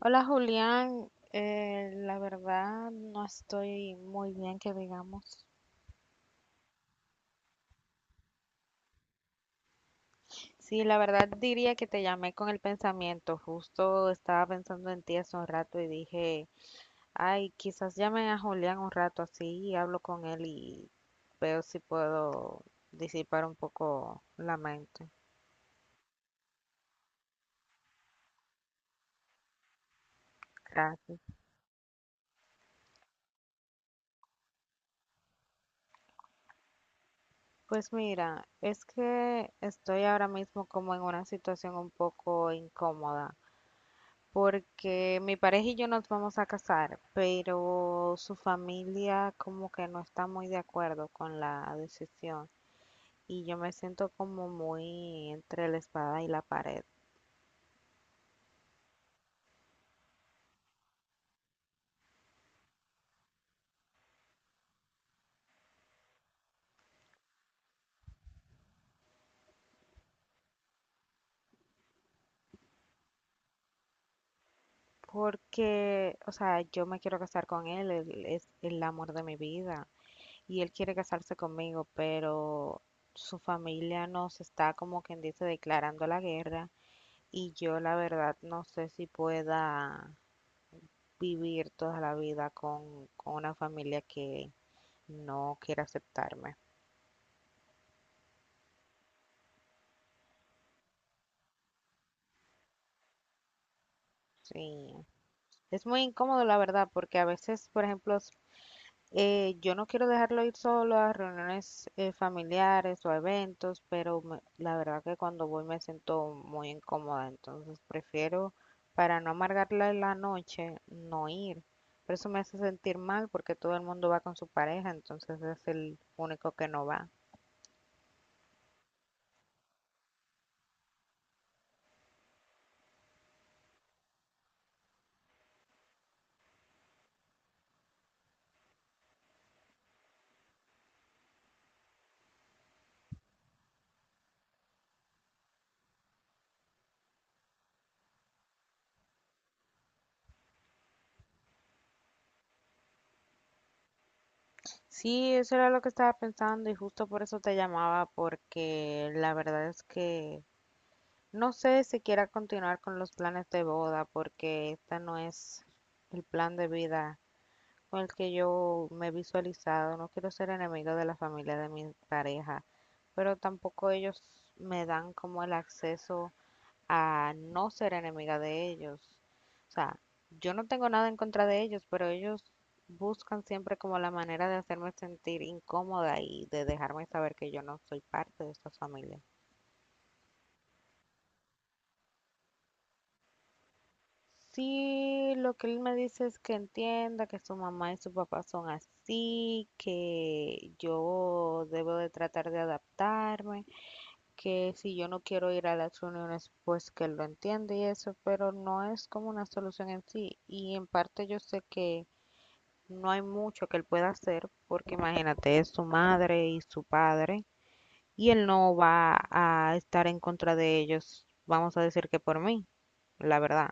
Hola Julián, la verdad no estoy muy bien que digamos. Sí, la verdad diría que te llamé con el pensamiento, justo estaba pensando en ti hace un rato y dije, ay, quizás llame a Julián un rato así y hablo con él y veo si puedo disipar un poco la mente. Gracias. Pues mira, es que estoy ahora mismo como en una situación un poco incómoda, porque mi pareja y yo nos vamos a casar, pero su familia como que no está muy de acuerdo con la decisión y yo me siento como muy entre la espada y la pared, porque, o sea, yo me quiero casar con él, él es el amor de mi vida y él quiere casarse conmigo, pero su familia nos está como quien dice declarando la guerra y yo la verdad no sé si pueda vivir toda la vida con una familia que no quiere aceptarme. Sí, es muy incómodo la verdad, porque a veces, por ejemplo, yo no quiero dejarlo ir solo a reuniones familiares o a eventos, pero la verdad que cuando voy me siento muy incómoda, entonces prefiero, para no amargarle la noche, no ir. Pero eso me hace sentir mal porque todo el mundo va con su pareja, entonces es el único que no va. Sí, eso era lo que estaba pensando y justo por eso te llamaba, porque la verdad es que no sé si quiera continuar con los planes de boda, porque esta no es el plan de vida con el que yo me he visualizado. No quiero ser enemigo de la familia de mi pareja, pero tampoco ellos me dan como el acceso a no ser enemiga de ellos. O sea, yo no tengo nada en contra de ellos, pero ellos buscan siempre como la manera de hacerme sentir incómoda y de dejarme saber que yo no soy parte de esta familia. Sí, lo que él me dice es que entienda que su mamá y su papá son así, que yo debo de tratar de adaptarme, que si yo no quiero ir a las reuniones, pues que él lo entiende y eso, pero no es como una solución en sí. Y en parte yo sé que no hay mucho que él pueda hacer porque imagínate, es su madre y su padre y él no va a estar en contra de ellos, vamos a decir que por mí, la verdad.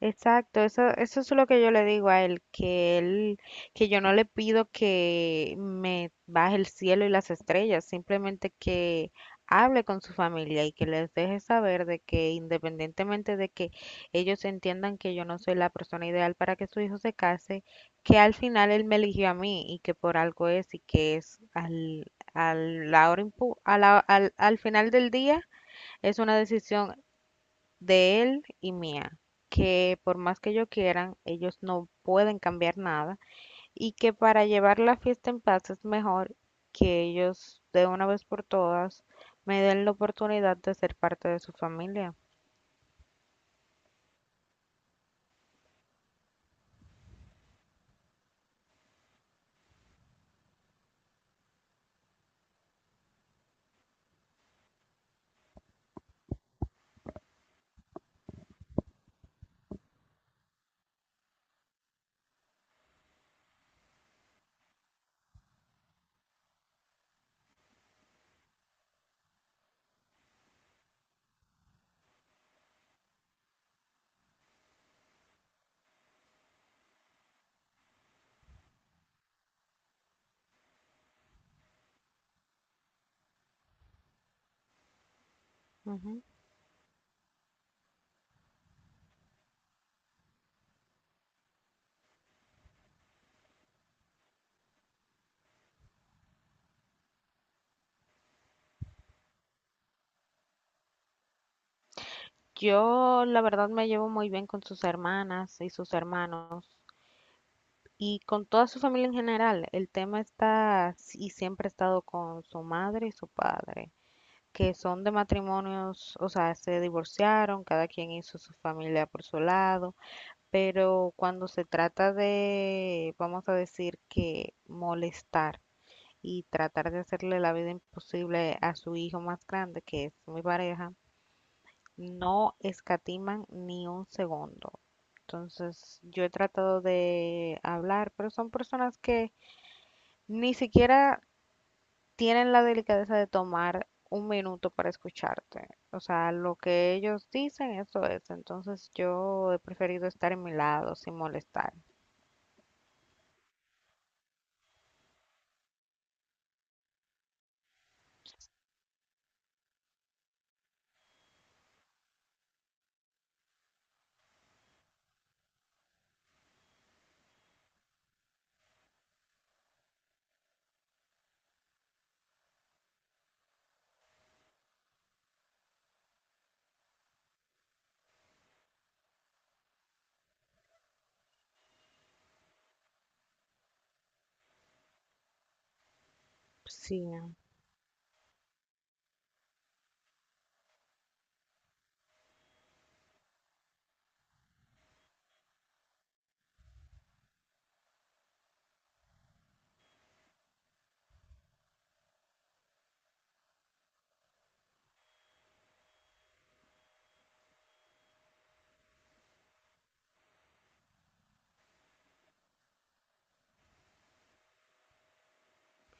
Exacto, eso es lo que yo le digo a él, que yo no le pido que me baje el cielo y las estrellas, simplemente que hable con su familia y que les deje saber de que independientemente de que ellos entiendan que yo no soy la persona ideal para que su hijo se case, que al final él me eligió a mí y que por algo es y que es al, al, la hora impu- a la- al, al final del día es una decisión de él y mía, que por más que ellos quieran, ellos no pueden cambiar nada y que para llevar la fiesta en paz es mejor que ellos de una vez por todas me den la oportunidad de ser parte de su familia. Ujú. Yo la verdad me llevo muy bien con sus hermanas y sus hermanos y con toda su familia en general. El tema está y siempre ha estado con su madre y su padre, que son de matrimonios, o sea, se divorciaron, cada quien hizo su familia por su lado, pero cuando se trata de, vamos a decir que molestar y tratar de hacerle la vida imposible a su hijo más grande, que es mi pareja, no escatiman ni un segundo. Entonces, yo he tratado de hablar, pero son personas que ni siquiera tienen la delicadeza de tomar un minuto para escucharte. O sea, lo que ellos dicen, eso es. Entonces yo he preferido estar en mi lado sin molestar. Sí,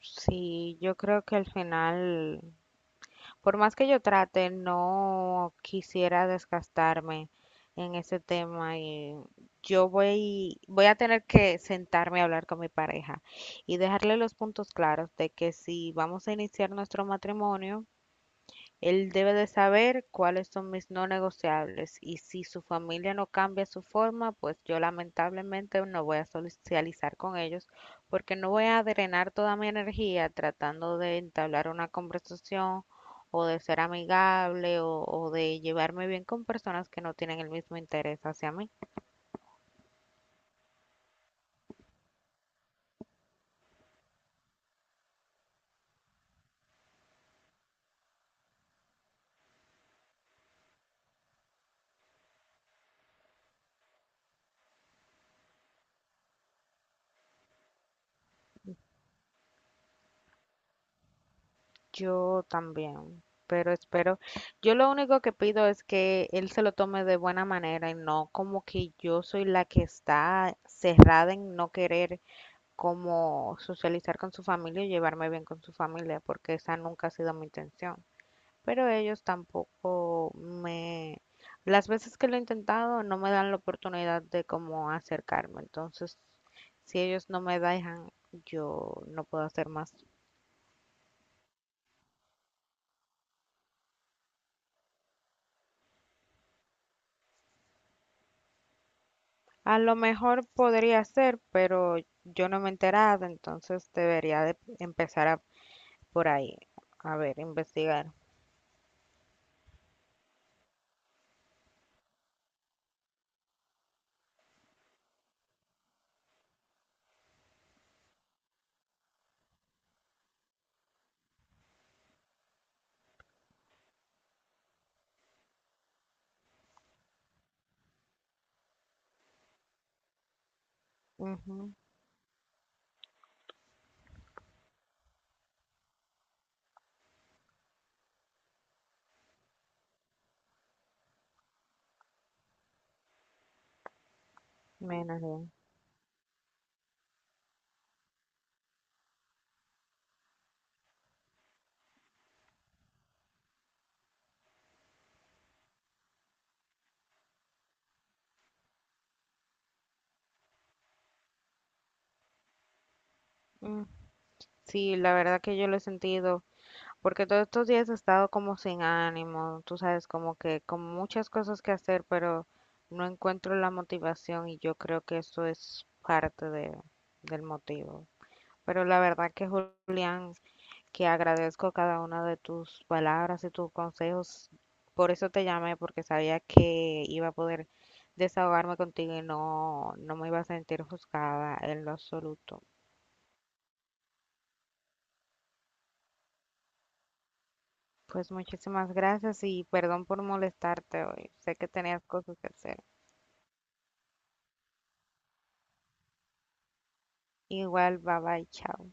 sí, yo creo que al final, por más que yo trate, no quisiera desgastarme en ese tema y voy a tener que sentarme a hablar con mi pareja y dejarle los puntos claros de que si vamos a iniciar nuestro matrimonio, él debe de saber cuáles son mis no negociables y si su familia no cambia su forma, pues yo lamentablemente no voy a socializar con ellos porque no voy a drenar toda mi energía tratando de entablar una conversación o de ser amigable o de llevarme bien con personas que no tienen el mismo interés hacia mí. Yo también, pero espero, yo lo único que pido es que él se lo tome de buena manera y no como que yo soy la que está cerrada en no querer como socializar con su familia y llevarme bien con su familia, porque esa nunca ha sido mi intención. Pero ellos tampoco me, las veces que lo he intentado no me dan la oportunidad de como acercarme, entonces si ellos no me dejan, yo no puedo hacer más. A lo mejor podría ser, pero yo no me he enterado, entonces debería de por ahí, a ver, investigar. Ujú, menos bien. Mm, sí, la verdad que yo lo he sentido, porque todos estos días he estado como sin ánimo, tú sabes, como que con muchas cosas que hacer, pero no encuentro la motivación y yo creo que eso es parte del motivo. Pero la verdad que Julián, que agradezco cada una de tus palabras y tus consejos. Por eso te llamé, porque sabía que iba a poder desahogarme contigo y no me iba a sentir juzgada en lo absoluto. Pues muchísimas gracias y perdón por molestarte hoy. Sé que tenías cosas que hacer. Igual, bye bye, chao.